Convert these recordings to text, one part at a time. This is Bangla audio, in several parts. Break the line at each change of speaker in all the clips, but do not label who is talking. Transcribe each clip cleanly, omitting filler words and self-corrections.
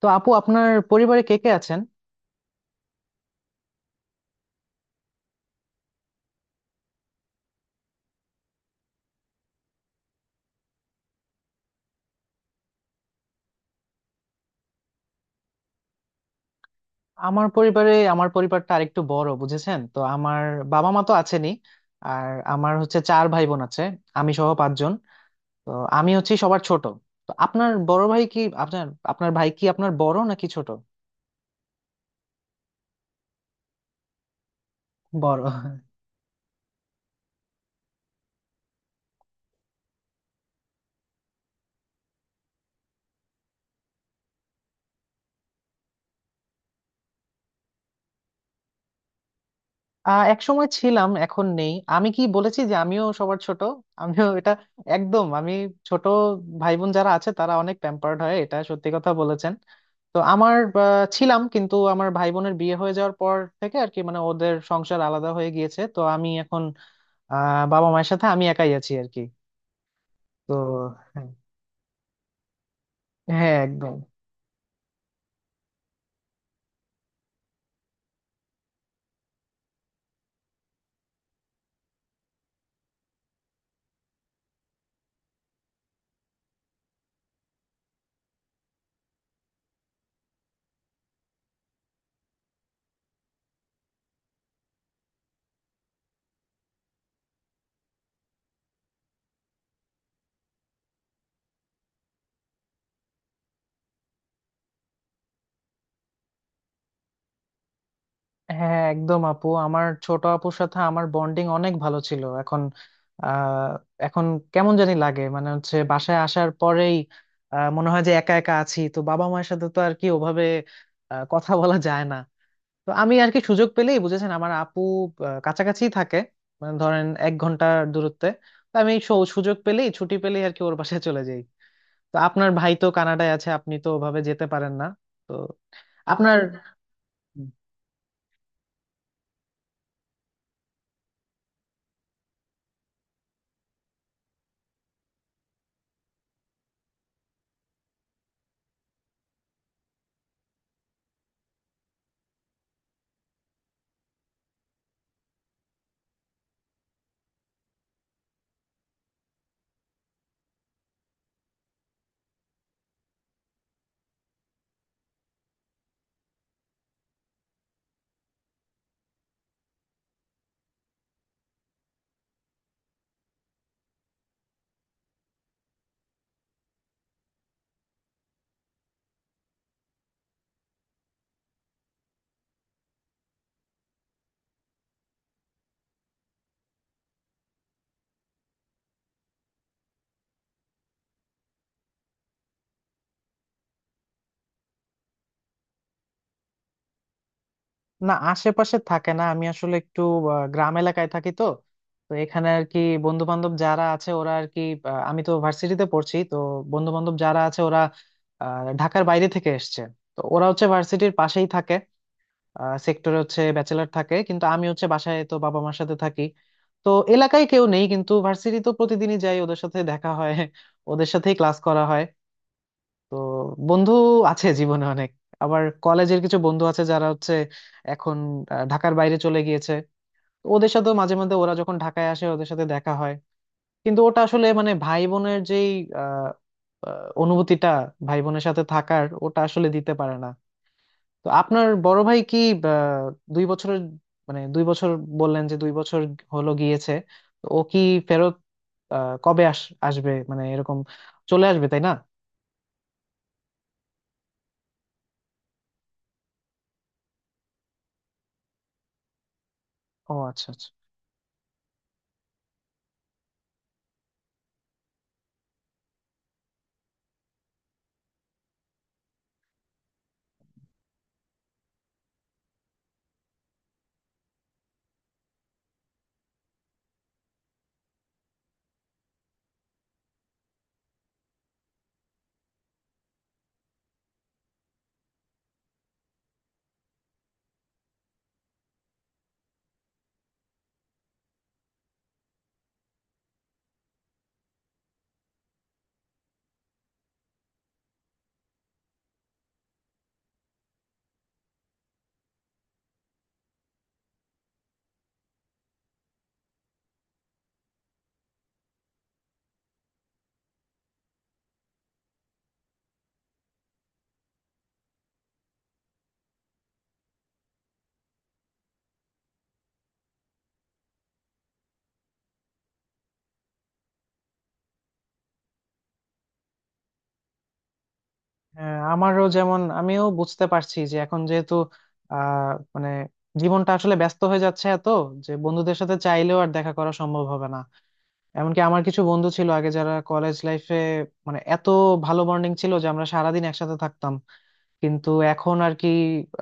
তো আপু, আপনার পরিবারে কে কে আছেন? আমার পরিবারে, আমার পরিবারটা আরেকটু বড়, বুঝেছেন? তো আমার বাবা মা তো আছেনই, আর আমার হচ্ছে চার ভাই বোন আছে, আমি সহ পাঁচজন। তো আমি হচ্ছি সবার ছোট। তো আপনার বড় ভাই কি আপনার আপনার ভাই কি আপনার বড় নাকি ছোট? বড়। একসময় ছিলাম, এখন নেই। আমি কি বলেছি যে আমিও সবার ছোট? আমিও এটা, একদম আমি ছোট। ভাই বোন যারা আছে তারা অনেক প্যাম্পার্ড হয়, এটা সত্যি কথা বলেছেন। তো আমার ছিলাম, কিন্তু আমার ভাই বোনের বিয়ে হয়ে যাওয়ার পর থেকে আর কি, মানে ওদের সংসার আলাদা হয়ে গিয়েছে, তো আমি এখন বাবা মায়ের সাথে আমি একাই আছি আর কি। তো হ্যাঁ। হ্যাঁ, একদম। হ্যাঁ, একদম আপু, আমার ছোট আপুর সাথে আমার বন্ডিং অনেক ভালো ছিল। এখন আহ এখন কেমন জানি লাগে, মানে হচ্ছে বাসায় আসার পরেই মনে হয় যে একা একা আছি। তো বাবা মায়ের সাথে তো আর কি ওভাবে কথা বলা যায় না। তো আমি আর কি সুযোগ পেলেই, বুঝেছেন, আমার আপু কাছাকাছি থাকে, মানে ধরেন এক ঘন্টার দূরত্বে। তো আমি সুযোগ পেলেই, ছুটি পেলেই আর কি ওর বাসায় চলে যাই। তো আপনার ভাই তো কানাডায় আছে, আপনি তো ওভাবে যেতে পারেন না। তো আপনার, না আশেপাশে থাকে না। আমি আসলে একটু গ্রাম এলাকায় থাকি তো। তো এখানে আর কি বন্ধু বান্ধব যারা আছে ওরা আর কি, আমি তো ভার্সিটিতে পড়ছি তো বন্ধু বান্ধব যারা আছে ওরা ঢাকার বাইরে থেকে এসছে। তো ওরা হচ্ছে ভার্সিটির পাশেই থাকে, সেক্টরে হচ্ছে ব্যাচেলার থাকে। কিন্তু আমি হচ্ছে বাসায়, তো বাবা মার সাথে থাকি। তো এলাকায় কেউ নেই, কিন্তু ভার্সিটি তো প্রতিদিনই যাই, ওদের সাথে দেখা হয়, ওদের সাথেই ক্লাস করা হয়। তো বন্ধু আছে জীবনে অনেক। আবার কলেজের কিছু বন্ধু আছে যারা হচ্ছে এখন ঢাকার বাইরে চলে গিয়েছে। তো ওদের সাথেও মাঝে মাঝে, ওরা যখন ঢাকায় আসে ওদের সাথে দেখা হয়। কিন্তু ওটা আসলে মানে ভাই বোনের যেই আহ, আহ, অনুভূতিটা, ভাই বোনের সাথে থাকার, ওটা আসলে দিতে পারে না। তো আপনার বড় ভাই কি দুই বছরের, মানে দুই বছর বললেন যে দুই বছর হলো গিয়েছে। তো ও কি ফেরত কবে আস, আসবে মানে এরকম চলে আসবে, তাই না? ও আচ্ছা, আচ্ছা। হ্যাঁ আমারও যেমন, আমিও বুঝতে পারছি যে এখন যেহেতু মানে জীবনটা আসলে ব্যস্ত হয়ে যাচ্ছে এত, যে বন্ধুদের সাথে চাইলেও আর দেখা করা সম্ভব হবে না। এমনকি আমার কিছু বন্ধু ছিল আগে যারা কলেজ লাইফে, মানে এত ভালো বন্ডিং ছিল যে আমরা সারাদিন একসাথে থাকতাম। কিন্তু এখন আর কি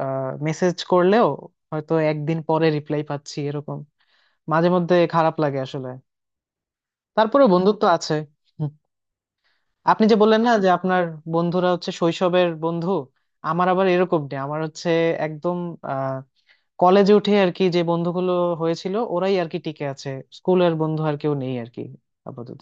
মেসেজ করলেও হয়তো একদিন পরে রিপ্লাই পাচ্ছি এরকম। মাঝে মধ্যে খারাপ লাগে আসলে। তারপরে বন্ধুত্ব আছে। আপনি যে বললেন না যে আপনার বন্ধুরা হচ্ছে শৈশবের বন্ধু, আমার আবার এরকম নেই। আমার হচ্ছে একদম আহ কলেজে উঠে আর কি যে বন্ধুগুলো হয়েছিল ওরাই আর কি টিকে আছে। স্কুলের বন্ধু আর কেউ নেই আর কি আপাতত।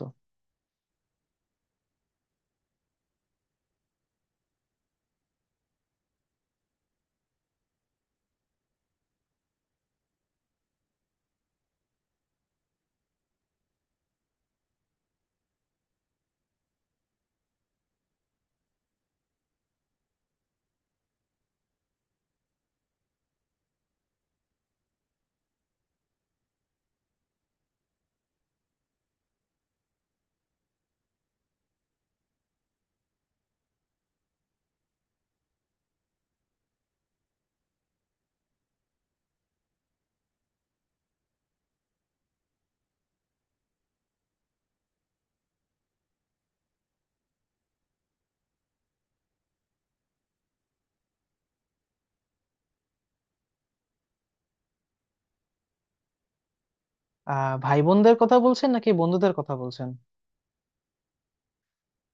ভাই বোনদের কথা বলছেন নাকি বন্ধুদের কথা বলছেন?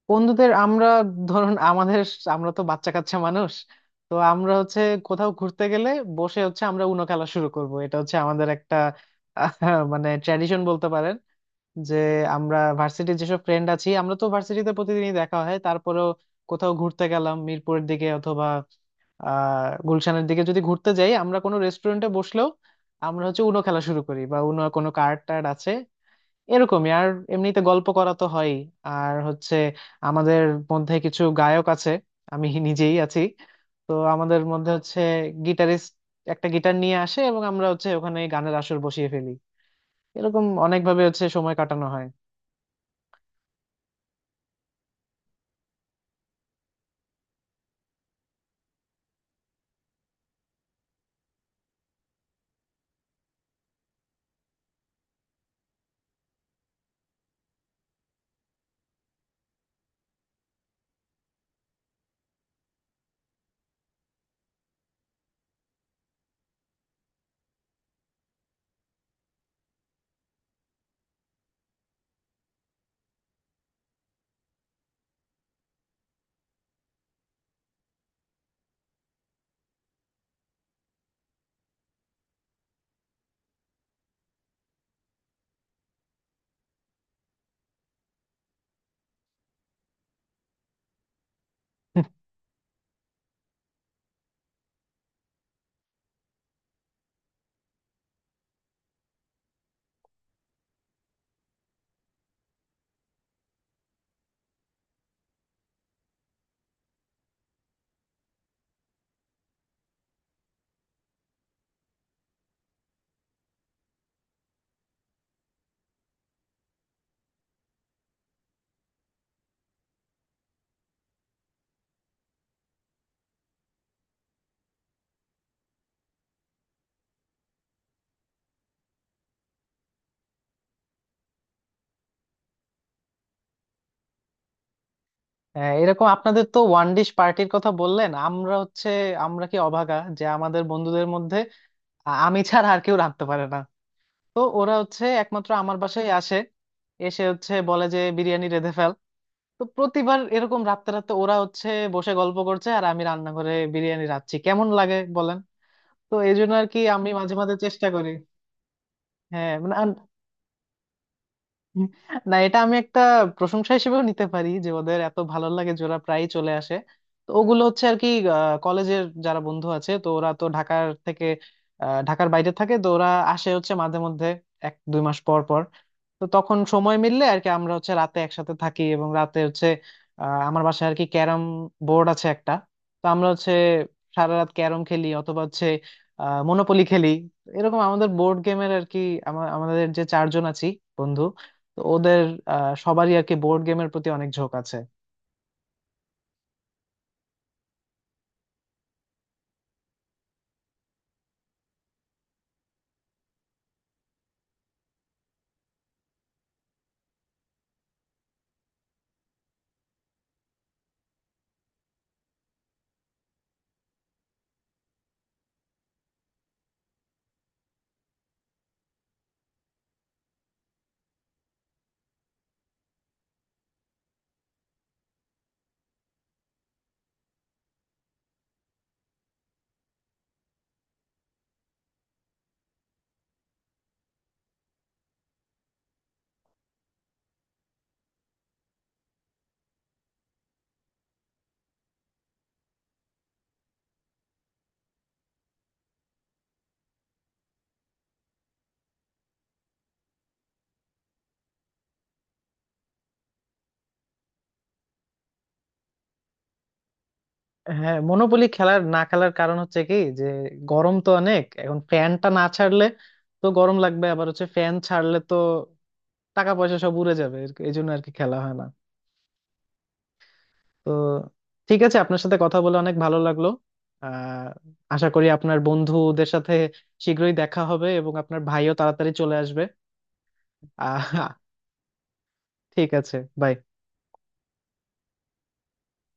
বন্ধুদের, আমরা ধরুন আমাদের, আমরা তো বাচ্চা কাচ্চা মানুষ, তো আমরা হচ্ছে কোথাও ঘুরতে গেলে বসে হচ্ছে আমরা উনো খেলা শুরু করব, এটা হচ্ছে আমাদের একটা মানে ট্র্যাডিশন বলতে পারেন। যে আমরা ভার্সিটির যেসব ফ্রেন্ড আছি, আমরা তো ভার্সিটিতে প্রতিদিনই দেখা হয়, তারপরেও কোথাও ঘুরতে গেলাম মিরপুরের দিকে অথবা গুলশানের দিকে যদি ঘুরতে যাই, আমরা কোনো রেস্টুরেন্টে বসলেও আমরা হচ্ছে উনো খেলা শুরু করি, বা উনো কোনো কার্ড টার্ড আছে এরকমই। আর এমনিতে গল্প করা তো হয়ই। আর হচ্ছে আমাদের মধ্যে কিছু গায়ক আছে, আমি নিজেই আছি। তো আমাদের মধ্যে হচ্ছে গিটারিস্ট একটা গিটার নিয়ে আসে, এবং আমরা হচ্ছে ওখানে গানের আসর বসিয়ে ফেলি। এরকম অনেকভাবে হচ্ছে সময় কাটানো হয়। হ্যাঁ এরকম আপনাদের তো ওয়ান ডিশ পার্টির কথা বললেন, আমরা হচ্ছে, আমরা কি অভাগা যে আমাদের বন্ধুদের মধ্যে আমি ছাড়া আর কেউ রাঁধতে পারে না। তো ওরা হচ্ছে একমাত্র আমার বাসায় আসে, এসে হচ্ছে বলে যে বিরিয়ানি রেঁধে ফেল। তো প্রতিবার এরকম রাতে রাতে ওরা হচ্ছে বসে গল্প করছে আর আমি রান্নাঘরে বিরিয়ানি রাঁধছি, কেমন লাগে বলেন? তো এই জন্য আর কি আমি মাঝে মাঝে চেষ্টা করি। হ্যাঁ মানে, না এটা আমি একটা প্রশংসা হিসেবেও নিতে পারি যে ওদের এত ভালো লাগে যে ওরা প্রায়ই চলে আসে। তো ওগুলো হচ্ছে আর কি কলেজের যারা বন্ধু আছে, তো ওরা তো ঢাকার থেকে ঢাকার বাইরে থাকে, তো ওরা আসে হচ্ছে মাঝে মধ্যে, এক দুই মাস পর পর। তো তখন সময় মিললে আর কি আমরা হচ্ছে রাতে একসাথে থাকি, এবং রাতে হচ্ছে আমার বাসায় আর কি ক্যারাম বোর্ড আছে একটা। তো আমরা হচ্ছে সারা রাত ক্যারম খেলি, অথবা হচ্ছে মনোপলি খেলি, এরকম আমাদের বোর্ড গেমের আর কি, আমাদের যে চারজন আছি বন্ধু, তো ওদের সবারই আর কি বোর্ড গেমের প্রতি অনেক ঝোঁক আছে। হ্যাঁ মনোপলি খেলার, না খেলার কারণ হচ্ছে কি যে গরম তো অনেক, এখন ফ্যানটা না ছাড়লে তো গরম লাগবে, আবার হচ্ছে ফ্যান ছাড়লে তো টাকা পয়সা সব উড়ে যাবে, এই জন্য আর কি খেলা হয় না। তো ঠিক আছে, আপনার সাথে কথা বলে অনেক ভালো লাগলো। আহ আশা করি আপনার বন্ধুদের সাথে শীঘ্রই দেখা হবে, এবং আপনার ভাইও তাড়াতাড়ি চলে আসবে। আহ ঠিক আছে। বাই।